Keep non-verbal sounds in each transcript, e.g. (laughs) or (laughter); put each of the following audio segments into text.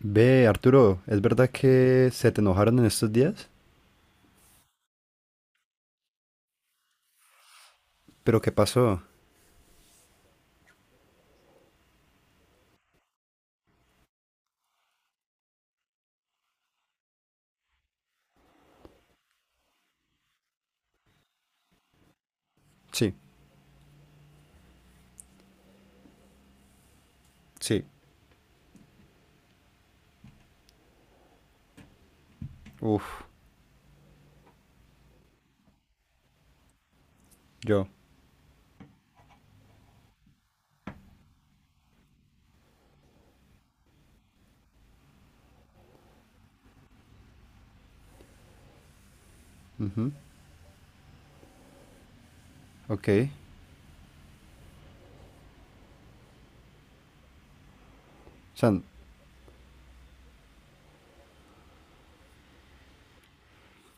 Ve, Arturo, ¿es verdad que se te enojaron en estos días? ¿Pero qué pasó? Sí, sí. Uf, yo. Ok. O sea,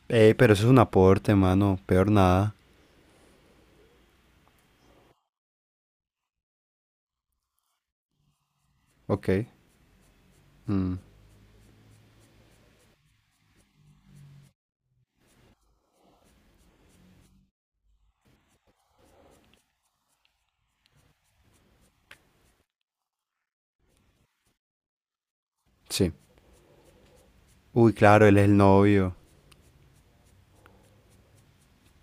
pero eso es un aporte, mano. Peor nada. Ok. Sí. Uy, claro, él es el novio.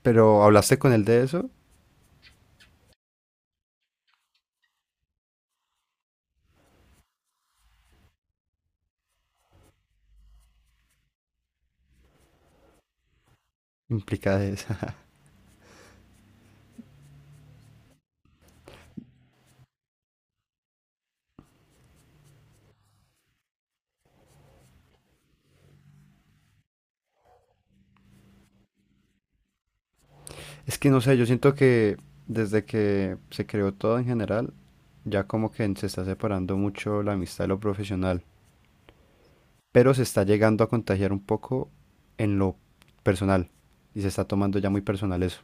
Pero, ¿hablaste con él de eso? Implicada esa. (laughs) Es que no sé, yo siento que desde que se creó todo en general, ya como que se está separando mucho la amistad de lo profesional. Pero se está llegando a contagiar un poco en lo personal y se está tomando ya muy personal eso,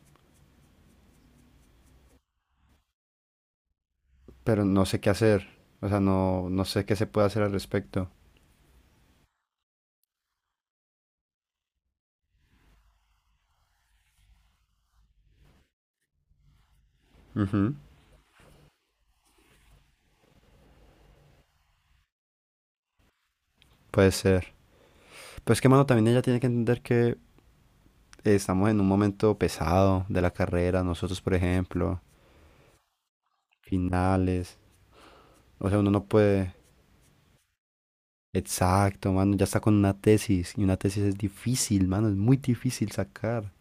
pero no sé qué hacer, o sea, no, no sé qué se puede hacer al respecto. Ujú. Puede ser. Pues que, mano, también ella tiene que entender que estamos en un momento pesado de la carrera, nosotros, por ejemplo, finales, o sea, uno no puede... Exacto, mano, ya está con una tesis y una tesis es difícil, mano, es muy difícil sacar.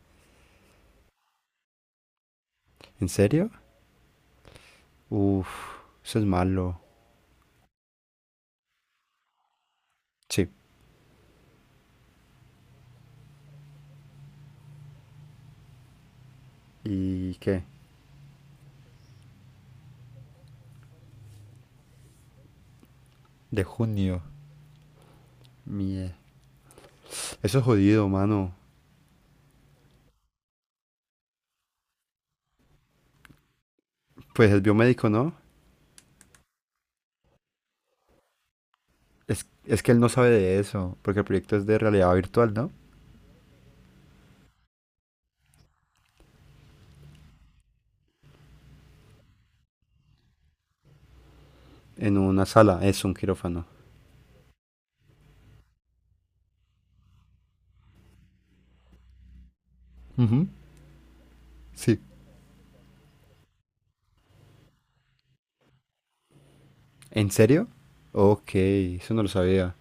¿En serio? Uf, eso es malo. Sí. ¿Y qué? De junio. Mie. Eso es jodido, mano. Pues es biomédico, ¿no? Es que él no sabe de eso, porque el proyecto es de realidad virtual, ¿no? En una sala, es un quirófano. Ujú. Sí. ¿En serio? Ok, eso no lo sabía.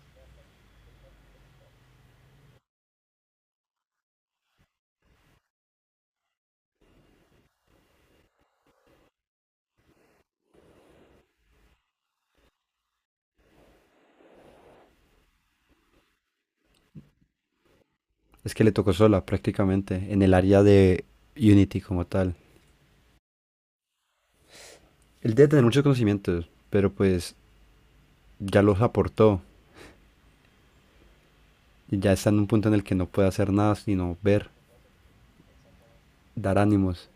Es que le tocó sola prácticamente en el área de Unity como tal. Él debe tener muchos conocimientos, pero pues ya los aportó y ya está en un punto en el que no puede hacer nada sino ver, dar ánimos.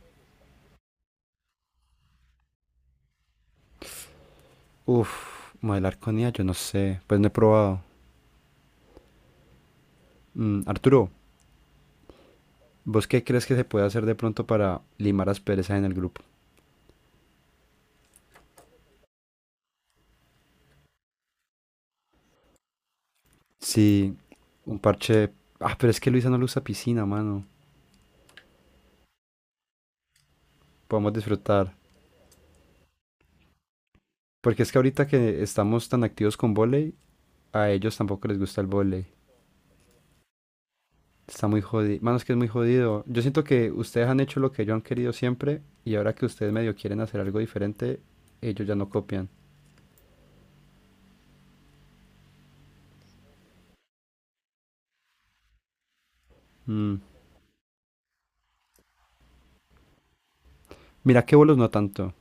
Uf, modelar con ella, yo no sé, pues no he probado. Mm, Arturo, ¿vos qué crees que se puede hacer de pronto para limar las perezas en el grupo? Sí, un parche... Ah, pero es que Luisa no le usa piscina, mano. Podemos disfrutar. Porque es que ahorita que estamos tan activos con volei, a ellos tampoco les gusta el volei. Está muy jodido. Mano, es que es muy jodido. Yo siento que ustedes han hecho lo que ellos han querido siempre y ahora que ustedes medio quieren hacer algo diferente, ellos ya no copian. Mm, Mira que bolos no tanto.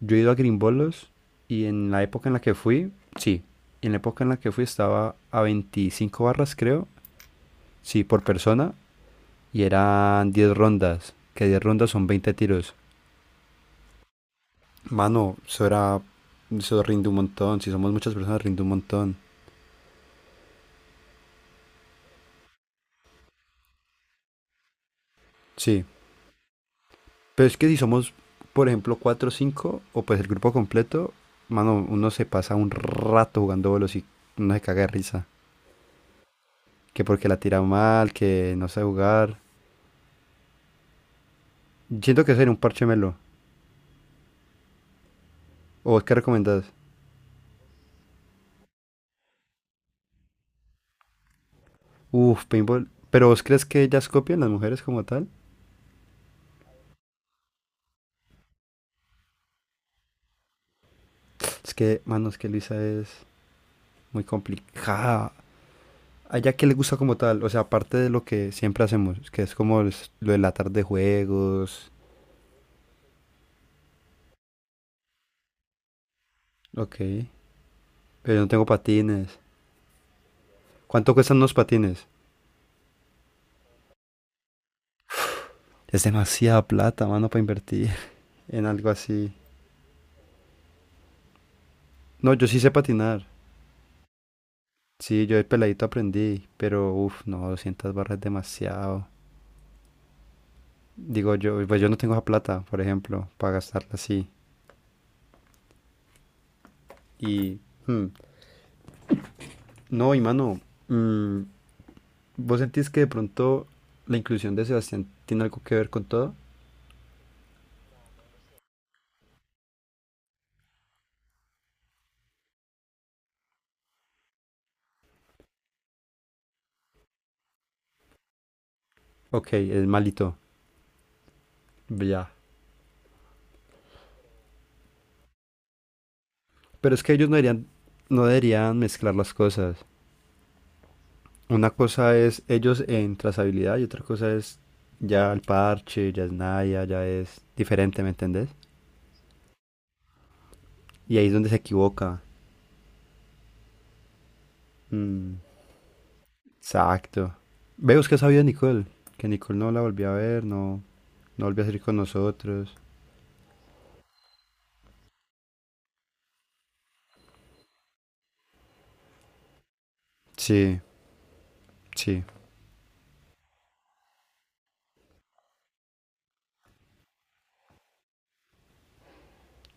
Yo he ido a Grimbolos y en la época en la que fui, sí, en la época en la que fui estaba a 25 barras, creo, sí, por persona, y eran 10 rondas, que 10 rondas son 20 tiros. Mano, eso era, eso rinde un montón, si somos muchas personas rinde un montón, sí. Pero es que si somos, por ejemplo, 4 o 5 o pues el grupo completo, mano, uno se pasa un rato jugando bolos y uno se caga de risa. Que porque la tira mal, que no sabe jugar. Siento que sería un parche melo. ¿O vos qué recomendás? Uf, paintball. ¿Pero vos crees que ellas copian las mujeres como tal? Es que, mano, es que Luisa es muy complicada. ¿A ella qué le gusta como tal? O sea, aparte de lo que siempre hacemos, que es como lo de la tarde de juegos. Ok, pero yo no tengo patines. ¿Cuánto cuestan los patines? Es demasiada plata, mano, para invertir (laughs) en algo así. No, yo sí sé patinar. Sí, yo de peladito aprendí, pero uff, no, 200 barras es demasiado. Digo yo, pues yo no tengo esa plata, por ejemplo, para gastarla así. Y hmm, no, y mano, mm, ¿vos sentís que de pronto la inclusión de Sebastián tiene algo que ver con todo? Ok, es malito, ya. Pero es que ellos no deberían mezclar las cosas. Una cosa es ellos en trazabilidad y otra cosa es ya el parche, ya es Naya, ya es diferente, ¿me entendés? Y ahí es donde se equivoca. Mm, exacto. Veo que sabía de Nicole, que Nicole no la volví a ver, no. No volvió a salir con nosotros. Sí, sí.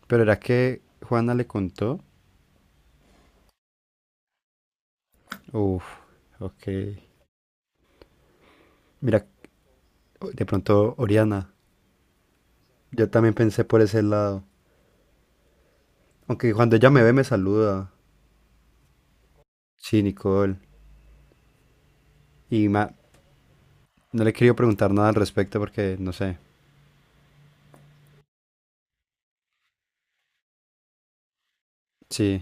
Pero era que Juana le contó. Uf, ok. Mira, de pronto Oriana. Yo también pensé por ese lado. Aunque cuando ella me ve me saluda. Sí, Nicole. Y ma- no le he querido preguntar nada al respecto porque no sé. Sí.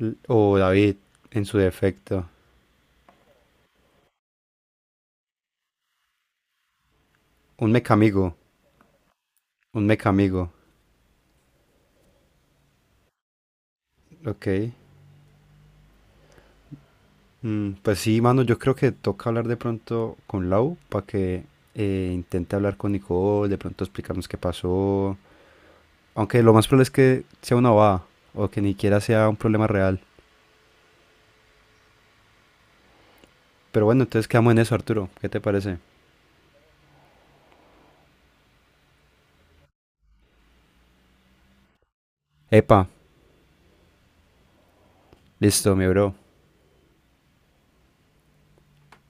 O David, en su defecto. Un mecamigo. Un mecamigo. Ok. Mm, pues sí, mano, yo creo que toca hablar de pronto con Lau para que intente hablar con Nicole, de pronto explicarnos qué pasó. Aunque lo más probable es que sea una baba o que ni siquiera sea un problema real. Pero bueno, entonces quedamos en eso, Arturo. ¿Qué te parece? Epa, listo, mi bro.